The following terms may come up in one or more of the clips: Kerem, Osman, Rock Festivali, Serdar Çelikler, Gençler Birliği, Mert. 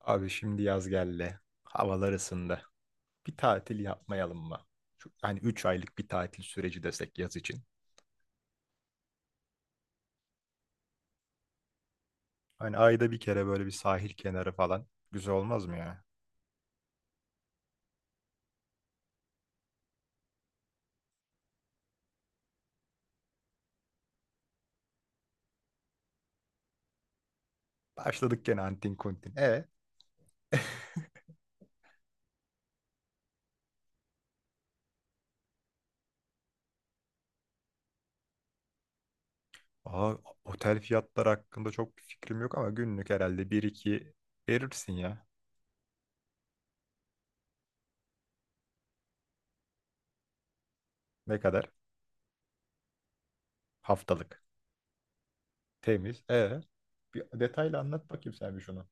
Abi şimdi yaz geldi. Havalar ısındı. Bir tatil yapmayalım mı? Şu, hani 3 aylık bir tatil süreci desek yaz için. Hani ayda bir kere böyle bir sahil kenarı falan. Güzel olmaz mı ya? Başladık gene antin kuntin. E? Aa, otel fiyatları hakkında çok bir fikrim yok ama günlük herhalde bir iki verirsin ya. Ne kadar? Haftalık. Temiz. E? Bir detaylı anlat bakayım sen bir şunu.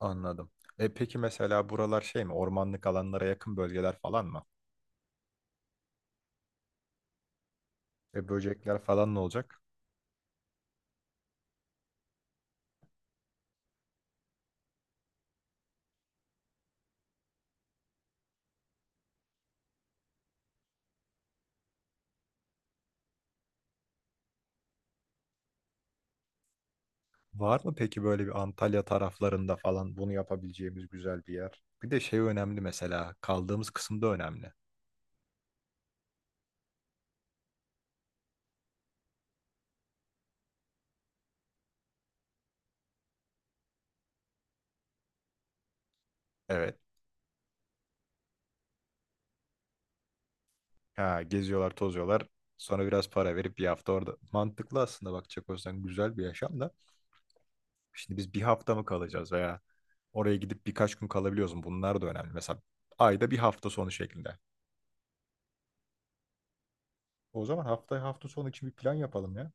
Anladım. E peki mesela buralar şey mi? Ormanlık alanlara yakın bölgeler falan mı? E böcekler falan ne olacak? Var mı peki böyle bir Antalya taraflarında falan bunu yapabileceğimiz güzel bir yer? Bir de şey önemli mesela kaldığımız kısım da önemli. Evet. Ha, geziyorlar tozuyorlar. Sonra biraz para verip bir hafta orada. Mantıklı aslında bakacak olsan güzel bir yaşam da. Şimdi biz bir hafta mı kalacağız veya oraya gidip birkaç gün kalabiliyoruz mu? Bunlar da önemli. Mesela ayda bir hafta sonu şeklinde. O zaman hafta hafta sonu için bir plan yapalım ya.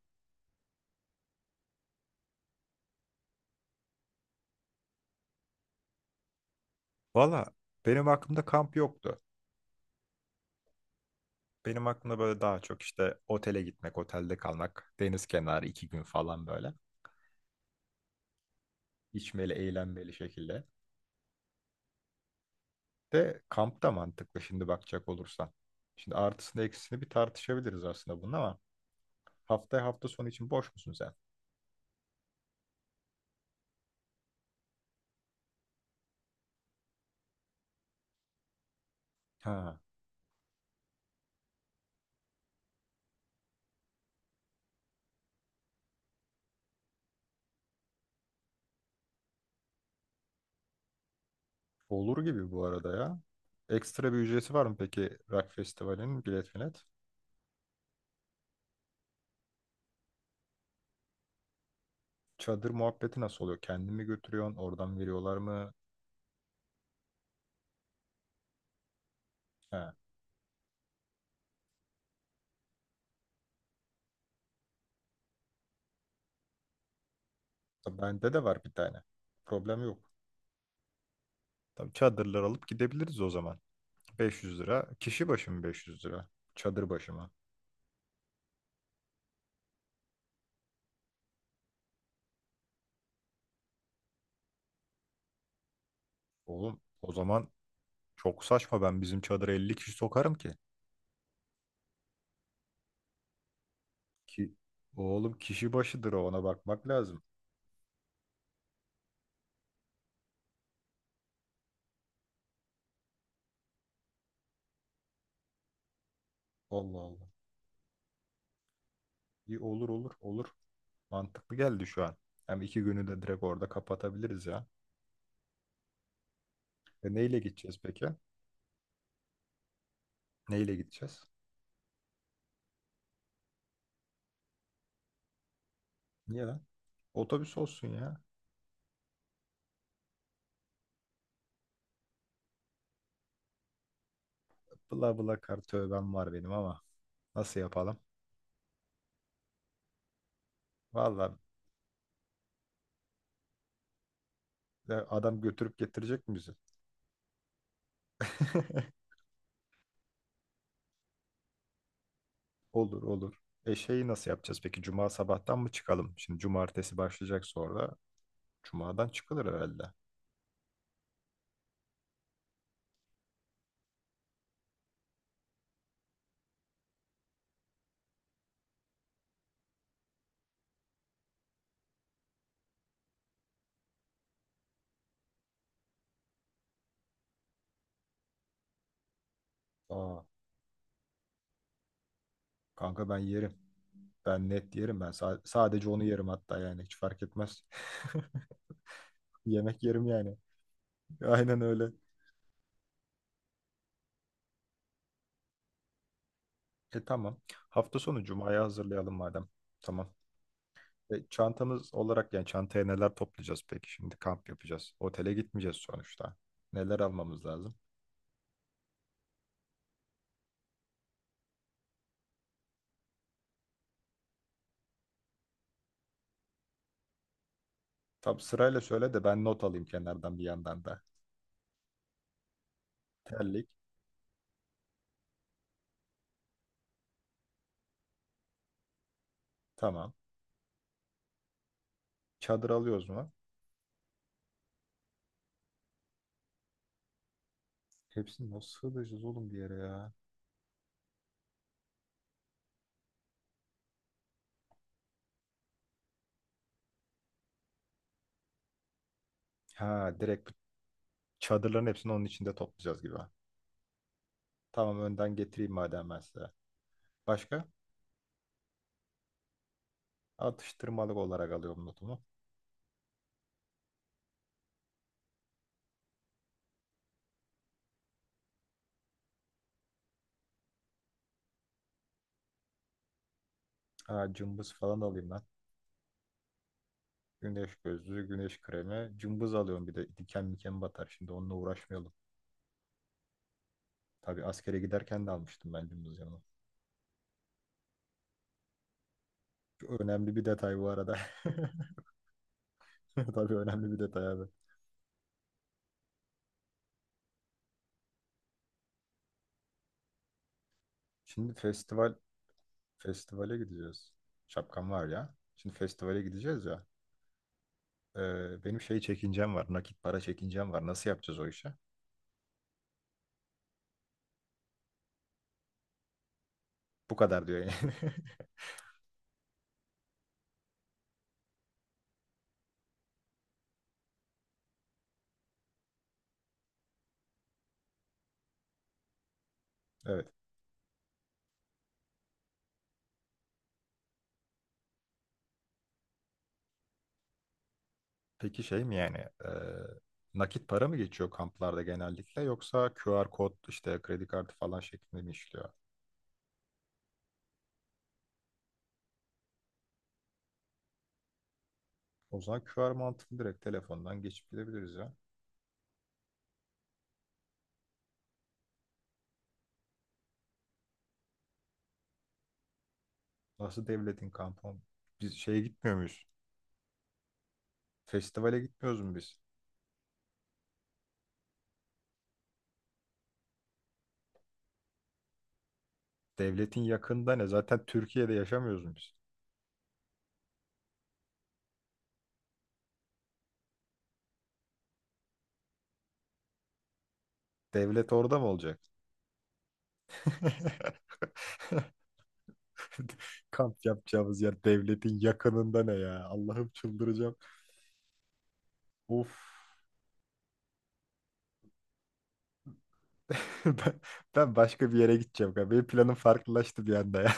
Valla benim aklımda kamp yoktu. Benim aklımda böyle daha çok işte otele gitmek, otelde kalmak, deniz kenarı iki gün falan böyle. İçmeli, eğlenmeli şekilde. De kamp da mantıklı şimdi bakacak olursan. Şimdi artısını eksisini bir tartışabiliriz aslında bunun ama haftaya hafta sonu için boş musun sen? Ha, olur gibi bu arada ya. Ekstra bir ücreti var mı peki Rock Festivali'nin bilet bilet? Çadır muhabbeti nasıl oluyor? Kendin mi götürüyorsun? Oradan veriyorlar mı? Ha, tabii bende de var bir tane. Problem yok. Tabii çadırlar alıp gidebiliriz o zaman. 500 lira. Kişi başı mı 500 lira? Çadır başı mı? Oğlum o zaman çok saçma ben bizim çadıra 50 kişi sokarım ki. Ki oğlum kişi başıdır o, ona bakmak lazım. Allah Allah. İyi olur olur olur. Mantıklı geldi şu an. Hem iki günü de direkt orada kapatabiliriz ya. E neyle gideceğiz peki? Neyle gideceğiz? Niye lan? Otobüs olsun ya. Bla bla kar tövbem var benim ama. Nasıl yapalım? Valla adam götürüp getirecek mi bizi? Olur olur. E şeyi nasıl yapacağız peki? Cuma sabahtan mı çıkalım? Şimdi cumartesi başlayacak sonra. Cumadan çıkılır herhalde. Aa, kanka ben yerim. Ben net yerim. Sadece onu yerim hatta yani. Hiç fark etmez. Yemek yerim yani. Aynen öyle. E tamam. Hafta sonu Cuma'ya hazırlayalım madem. Tamam. Çantamız olarak yani çantaya neler toplayacağız peki? Şimdi kamp yapacağız. Otele gitmeyeceğiz sonuçta. Neler almamız lazım? Tam sırayla söyle de ben not alayım kenardan bir yandan da. Terlik. Tamam. Çadır alıyoruz mu? Hepsini nasıl sığdıracağız oğlum bir yere ya? Ha direkt bu çadırların hepsini onun içinde toplayacağız gibi. Tamam önden getireyim madem ben size. Başka? Atıştırmalık olarak alıyorum notumu. Ha cımbız falan alayım lan. Güneş gözlüğü, güneş kremi. Cımbız alıyorum bir de diken miken batar. Şimdi onunla uğraşmayalım. Tabii askere giderken de almıştım ben cımbız yanıma. Önemli bir detay bu arada. Tabii önemli bir detay abi. Şimdi festival. Festivale gideceğiz. Şapkam var ya. Şimdi festivale gideceğiz ya. Benim şey çekincem var. Nakit para çekincem var. Nasıl yapacağız o işi? Bu kadar diyor yani. Evet. Peki şey mi yani? Nakit para mı geçiyor kamplarda genellikle yoksa QR kod işte kredi kartı falan şeklinde mi işliyor? O zaman QR mantıklı direkt telefondan geçip gidebiliriz ya. Nasıl devletin kampı oğlum? Biz şeye gitmiyor muyuz? Festivale gitmiyoruz mu biz? Devletin yakında ne? Zaten Türkiye'de yaşamıyoruz mu biz? Devlet orada mı olacak? Kamp yapacağımız yer devletin yakınında ne ya? Allah'ım çıldıracağım. Of. Ben, ben başka bir yere gideceğim galiba. Benim planım farklılaştı bir anda ya.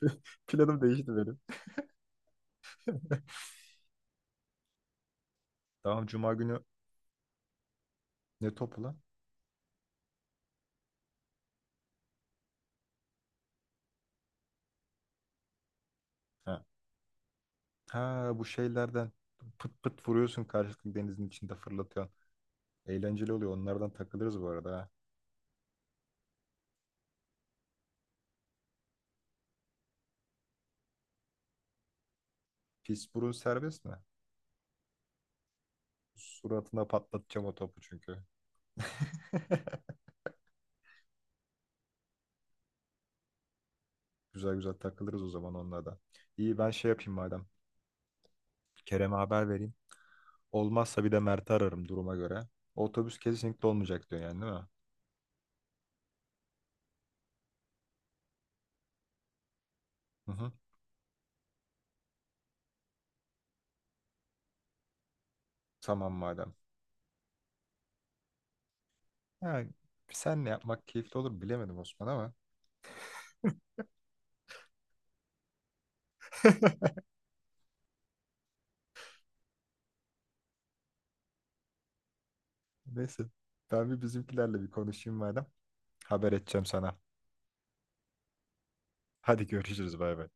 Planım değişti benim. Tamam Cuma günü. Ne topu lan? Ha. Ha bu şeylerden pıt pıt vuruyorsun karşılıklı denizin içinde fırlatıyorsun. Eğlenceli oluyor. Onlardan takılırız bu arada ha. Pis burun serbest mi? Suratına patlatacağım o topu çünkü. Güzel güzel takılırız o zaman onunla da. İyi ben şey yapayım madem. Kerem'e haber vereyim. Olmazsa bir de Mert'i ararım duruma göre. Otobüs kesinlikle olmayacak diyor yani değil mi? Hı hı. Tamam madem. Ha, senle yapmak keyifli olur bilemedim Osman ama. Neyse. Ben bir bizimkilerle bir konuşayım madem. Haber edeceğim sana. Hadi görüşürüz bay bay.